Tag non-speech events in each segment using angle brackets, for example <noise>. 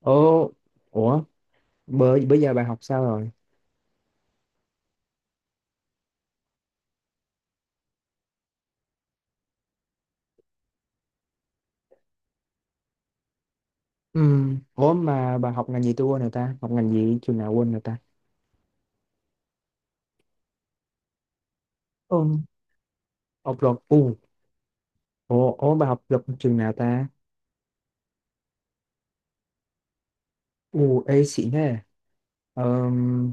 Ồ, ủa, bữa giờ bà học sao rồi? Ừ, ủa mà bà học ngành gì tôi quên rồi ta? Học ngành gì trường nào quên rồi ta? Ừ. Học luật, ủa bà học luật trường nào ta? U, ê xịn thế. Ờm,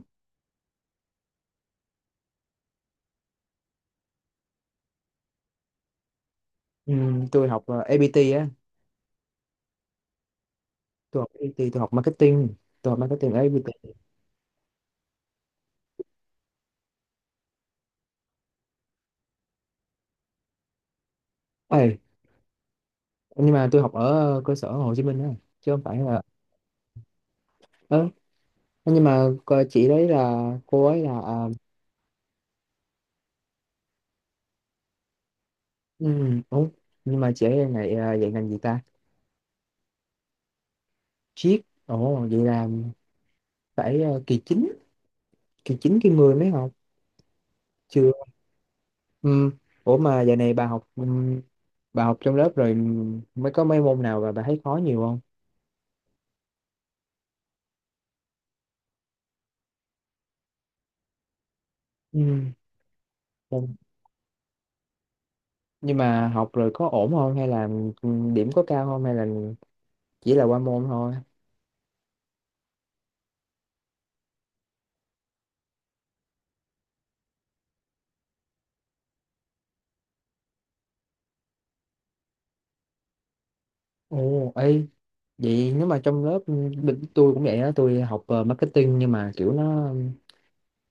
tôi học APT á, tôi học APT, tôi học marketing ở APT. Ê, nhưng mà tôi học ở cơ sở Hồ Chí Minh á, chứ không phải là... Ờ, nhưng mà chị đấy là, cô ấy là... À, ủa, nhưng mà chị ấy là dạy, à, dạy ngành gì ta? Triết, ồ, vậy là phải kỳ chín kỳ 10 mới học chưa. Ừ. Ủa mà giờ này bà học trong lớp rồi, mới có mấy môn nào mà bà thấy khó nhiều không? Ừ. Ừ. Nhưng mà học rồi có ổn không, hay là điểm có cao không, hay là chỉ là qua môn thôi? Ồ ê, vậy nếu mà trong lớp tôi cũng vậy đó. Tôi học marketing, nhưng mà kiểu nó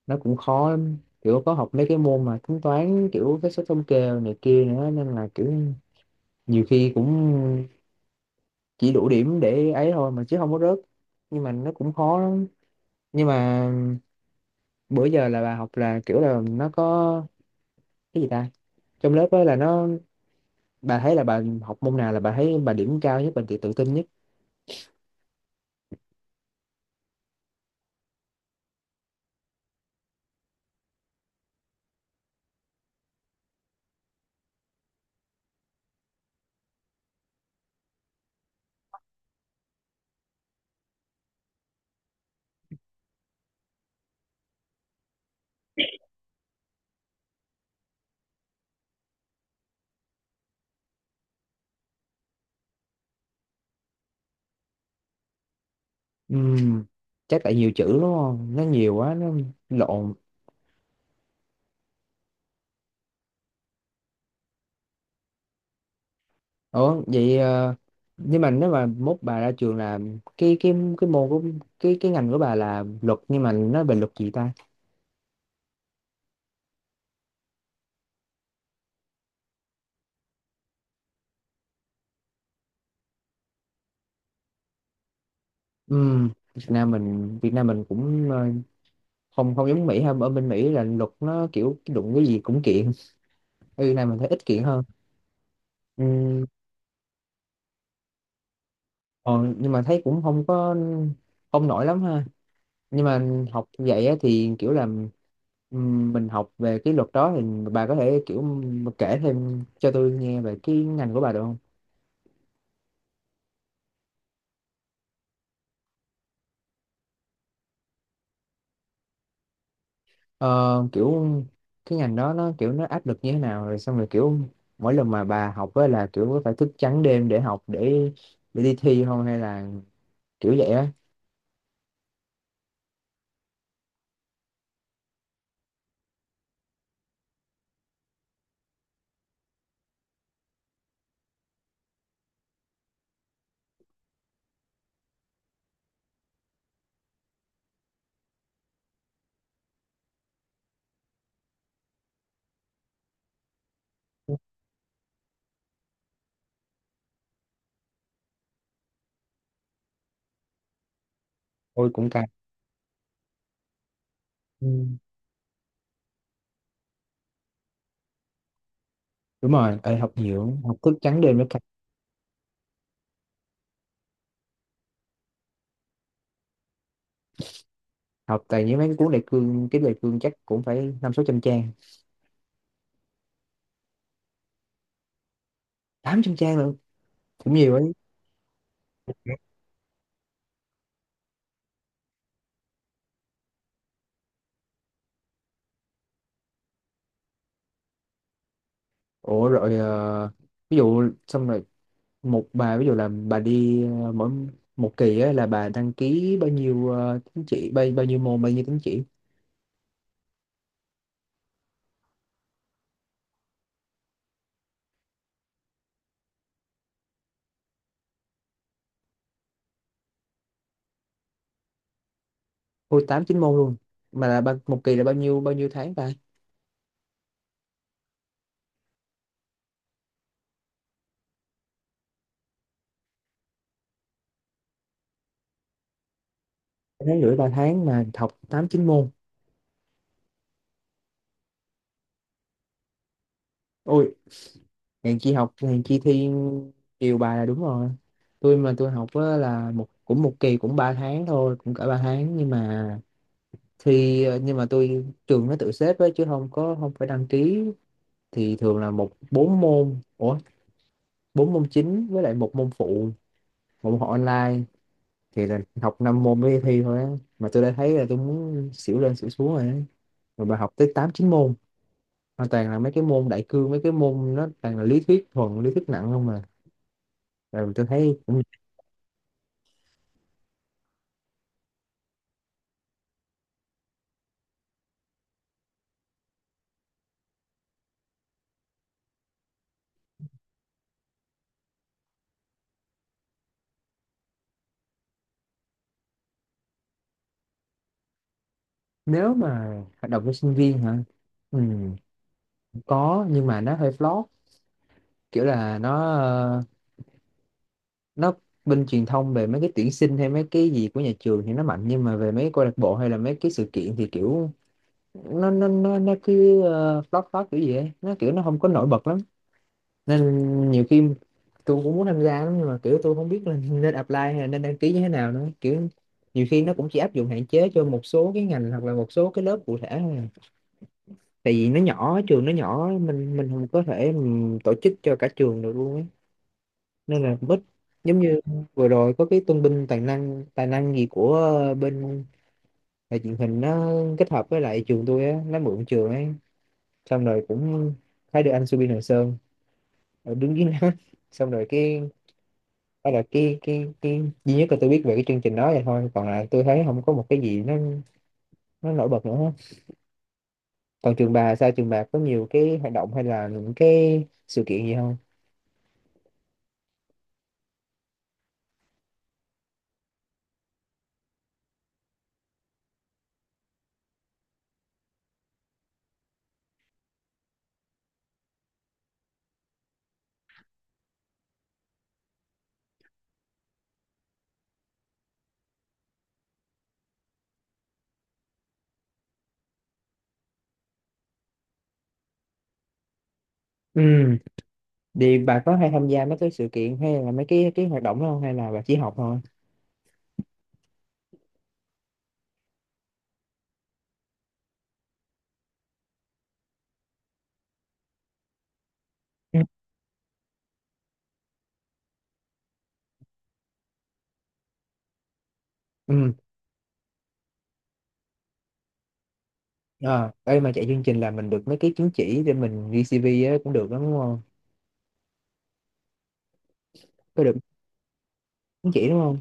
nó cũng khó lắm, kiểu có học mấy cái môn mà tính toán kiểu cái số thống kê này kia nữa, nên là kiểu nhiều khi cũng chỉ đủ điểm để ấy thôi mà chứ không có rớt, nhưng mà nó cũng khó lắm. Nhưng mà bữa giờ là bà học là kiểu là nó có cái gì ta, trong lớp ấy là nó, bà thấy là bà học môn nào là bà thấy bà điểm cao nhất, bà tự tự tin nhất? Ừm, chắc tại nhiều chữ đúng không, nó nhiều quá nó lộn. Ủa vậy nhưng mà nếu mà mốt bà ra trường là cái môn của, cái ngành của bà là luật nhưng mà nó về luật gì ta? Việt Nam mình cũng không không giống Mỹ ha, ở bên Mỹ là luật nó kiểu đụng cái gì cũng kiện, ừ, này mình thấy ít kiện hơn. Ừ, còn nhưng mà thấy cũng không có không nổi lắm ha, nhưng mà học vậy á, thì kiểu là, mình học về cái luật đó thì bà có thể kiểu mà kể thêm cho tôi nghe về cái ngành của bà được không? Ờ, kiểu cái ngành đó nó kiểu nó áp lực như thế nào, rồi xong rồi kiểu mỗi lần mà bà học á là kiểu phải thức trắng đêm để học, để đi thi không, hay là kiểu vậy á? Ôi cũng căng. Ừ. Đúng rồi. Ê, học nhiều, học thức trắng đêm nữa cả. Học tại những mấy cuốn đại cương, cái đại cương chắc cũng phải năm sáu trăm trang. Tám trăm trang nữa, cũng nhiều ấy. Ủa rồi ví dụ xong rồi, bà ví dụ là bà đi mỗi một kỳ á là bà đăng ký bao nhiêu tín chỉ, bao nhiêu môn, bao nhiêu tín chỉ? Ôi tám chín môn luôn, mà là một kỳ là bao nhiêu tháng ta? Ba tháng rưỡi ba tháng mà học tám chín môn. Ôi hèn chi học, hèn chi thi chiều bài là đúng rồi. Tôi mà tôi học á là cũng một kỳ cũng 3 tháng thôi, cũng cả 3 tháng, nhưng mà nhưng mà tôi trường nó tự xếp ấy, chứ không có không phải đăng ký, thì thường là bốn môn. Ủa, bốn môn chính với lại một môn phụ, một môn học online, thì là học năm môn mới thi thôi á, mà tôi đã thấy là tôi muốn xỉu lên xỉu xuống rồi á. Rồi bà học tới tám chín môn, hoàn toàn là mấy cái môn đại cương, mấy cái môn nó toàn là lý thuyết, thuần lý thuyết nặng không mà, rồi tôi thấy cũng. Nếu mà hoạt động cho sinh viên hả? Ừ, có nhưng mà nó hơi flop, kiểu là nó nó bên truyền thông về mấy cái tuyển sinh hay mấy cái gì của nhà trường thì nó mạnh, nhưng mà về mấy cái câu lạc bộ hay là mấy cái sự kiện thì kiểu nó cứ flop flop kiểu gì ấy, nó kiểu nó không có nổi bật lắm. Nên nhiều khi tôi cũng muốn tham gia lắm, nhưng mà kiểu tôi không biết là nên apply hay là nên đăng ký như thế nào nữa, kiểu nhiều khi nó cũng chỉ áp dụng hạn chế cho một số cái ngành hoặc là một số cái lớp cụ thể thôi à. Tại vì nó nhỏ, trường nó nhỏ mình không có thể mình tổ chức cho cả trường được luôn ấy, nên là cũng ít. Giống như vừa rồi có cái tôn vinh tài năng, gì của bên đài truyền hình, nó kết hợp với lại trường tôi á, nó mượn trường ấy, xong rồi cũng thấy được anh Subin Hoàng Sơn ở đứng dưới nó <laughs> xong rồi cái đó là cái duy nhất là tôi biết về cái chương trình đó vậy thôi, còn lại tôi thấy không có một cái gì nó nổi bật nữa hết. Còn trường bà sao, trường bà có nhiều cái hoạt động hay là những cái sự kiện gì không? Ừ. Thì bà có hay tham gia mấy cái sự kiện hay là mấy cái hoạt động đó không, hay là bà chỉ học thôi? Ừ. Ừ. À, đây mà chạy chương trình là mình được mấy cái chứng chỉ để mình VCV á, cũng được đó, đúng không? Có được chứng chỉ đúng không?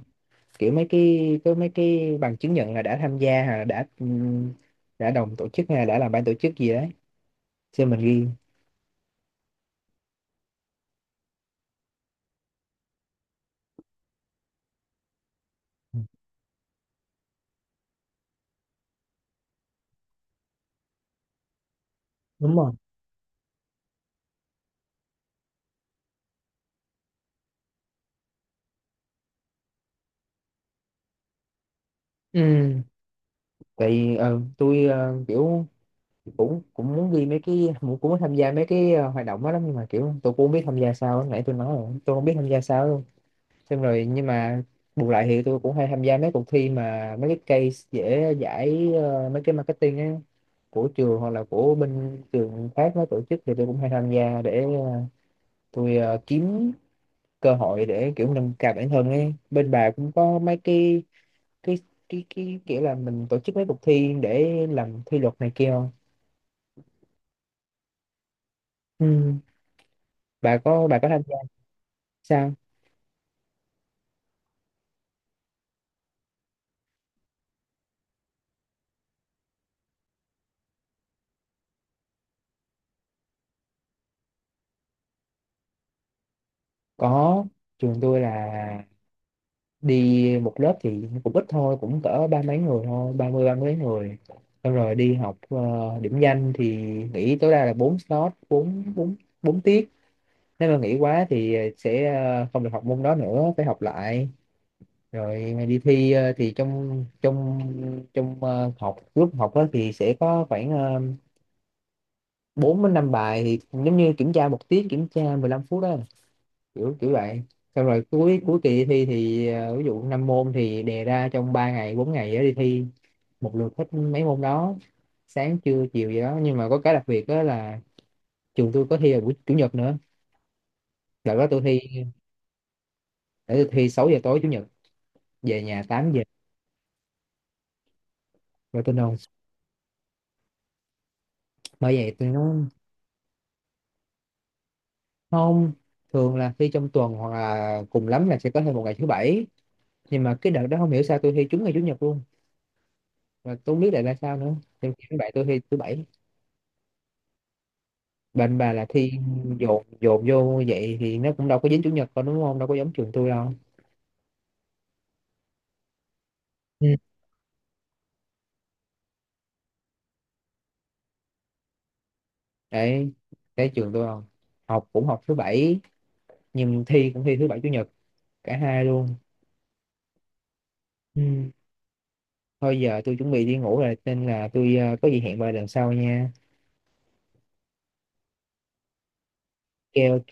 Kiểu mấy cái, có mấy cái bằng chứng nhận là đã tham gia hay là đã đồng tổ chức hay là đã làm ban tổ chức gì đấy. Xem mình ghi. Ừ. Đúng rồi. Ừ. Tại vì, tôi kiểu cũng cũng muốn ghi mấy cái, cũng cũng muốn tham gia mấy cái hoạt động đó lắm, nhưng mà kiểu tôi cũng không biết tham gia sao. Nãy tôi nói rồi, tôi không biết tham gia sao. Xong rồi nhưng mà bù lại thì tôi cũng hay tham gia mấy cuộc thi mà mấy cái case dễ giải, mấy cái marketing á, của trường hoặc là của bên trường khác nó tổ chức, thì tôi cũng hay tham gia để tôi kiếm cơ hội để kiểu nâng cao bản thân ấy. Bên bà cũng có mấy cái cái cái kiểu là mình tổ chức mấy cuộc thi để làm thi luật này kia không? Ừ. Bà có, tham gia sao? Có. Trường tôi là đi một lớp thì cũng ít thôi, cũng cỡ ba mấy người thôi, ba mươi ba mấy người, xong rồi đi học điểm danh thì nghỉ tối đa là bốn slot, bốn bốn bốn tiết, nếu mà nghỉ quá thì sẽ không được học môn đó nữa, phải học lại. Rồi đi thi thì trong trong trong học lúc học đó thì sẽ có khoảng bốn đến năm bài thì giống như kiểm tra một tiết, kiểm tra 15 phút đó, kiểu kiểu vậy. Xong rồi cuối cuối kỳ thi thì ví dụ năm môn thì đề ra trong 3 ngày 4 ngày đó đi thi một lượt hết mấy môn đó, sáng trưa chiều gì đó, nhưng mà có cái đặc biệt đó là trường tôi có thi vào buổi chủ nhật nữa. Đợt đó tôi thi, để tôi thi 6 giờ tối chủ nhật, về nhà 8 giờ, rồi tôi nôn. Bởi vậy tôi nói, không, thường là thi trong tuần hoặc là cùng lắm là sẽ có thêm một ngày thứ bảy, nhưng mà cái đợt đó không hiểu sao tôi thi trúng ngày chủ nhật luôn, và tôi không biết lại là sao nữa, nhưng mà vậy tôi thi thứ bảy. Bên bà là thi dồn dồn vô vậy thì nó cũng đâu có dính chủ nhật đâu đúng không? Đâu có giống trường tôi đâu. Ừ. Đấy, cái trường tôi không. Học cũng học thứ bảy, nhưng thi cũng thi thứ bảy chủ nhật, cả hai luôn. Ừ. Thôi giờ tôi chuẩn bị đi ngủ rồi, nên là tôi có gì hẹn bà lần sau nha. Ok ok.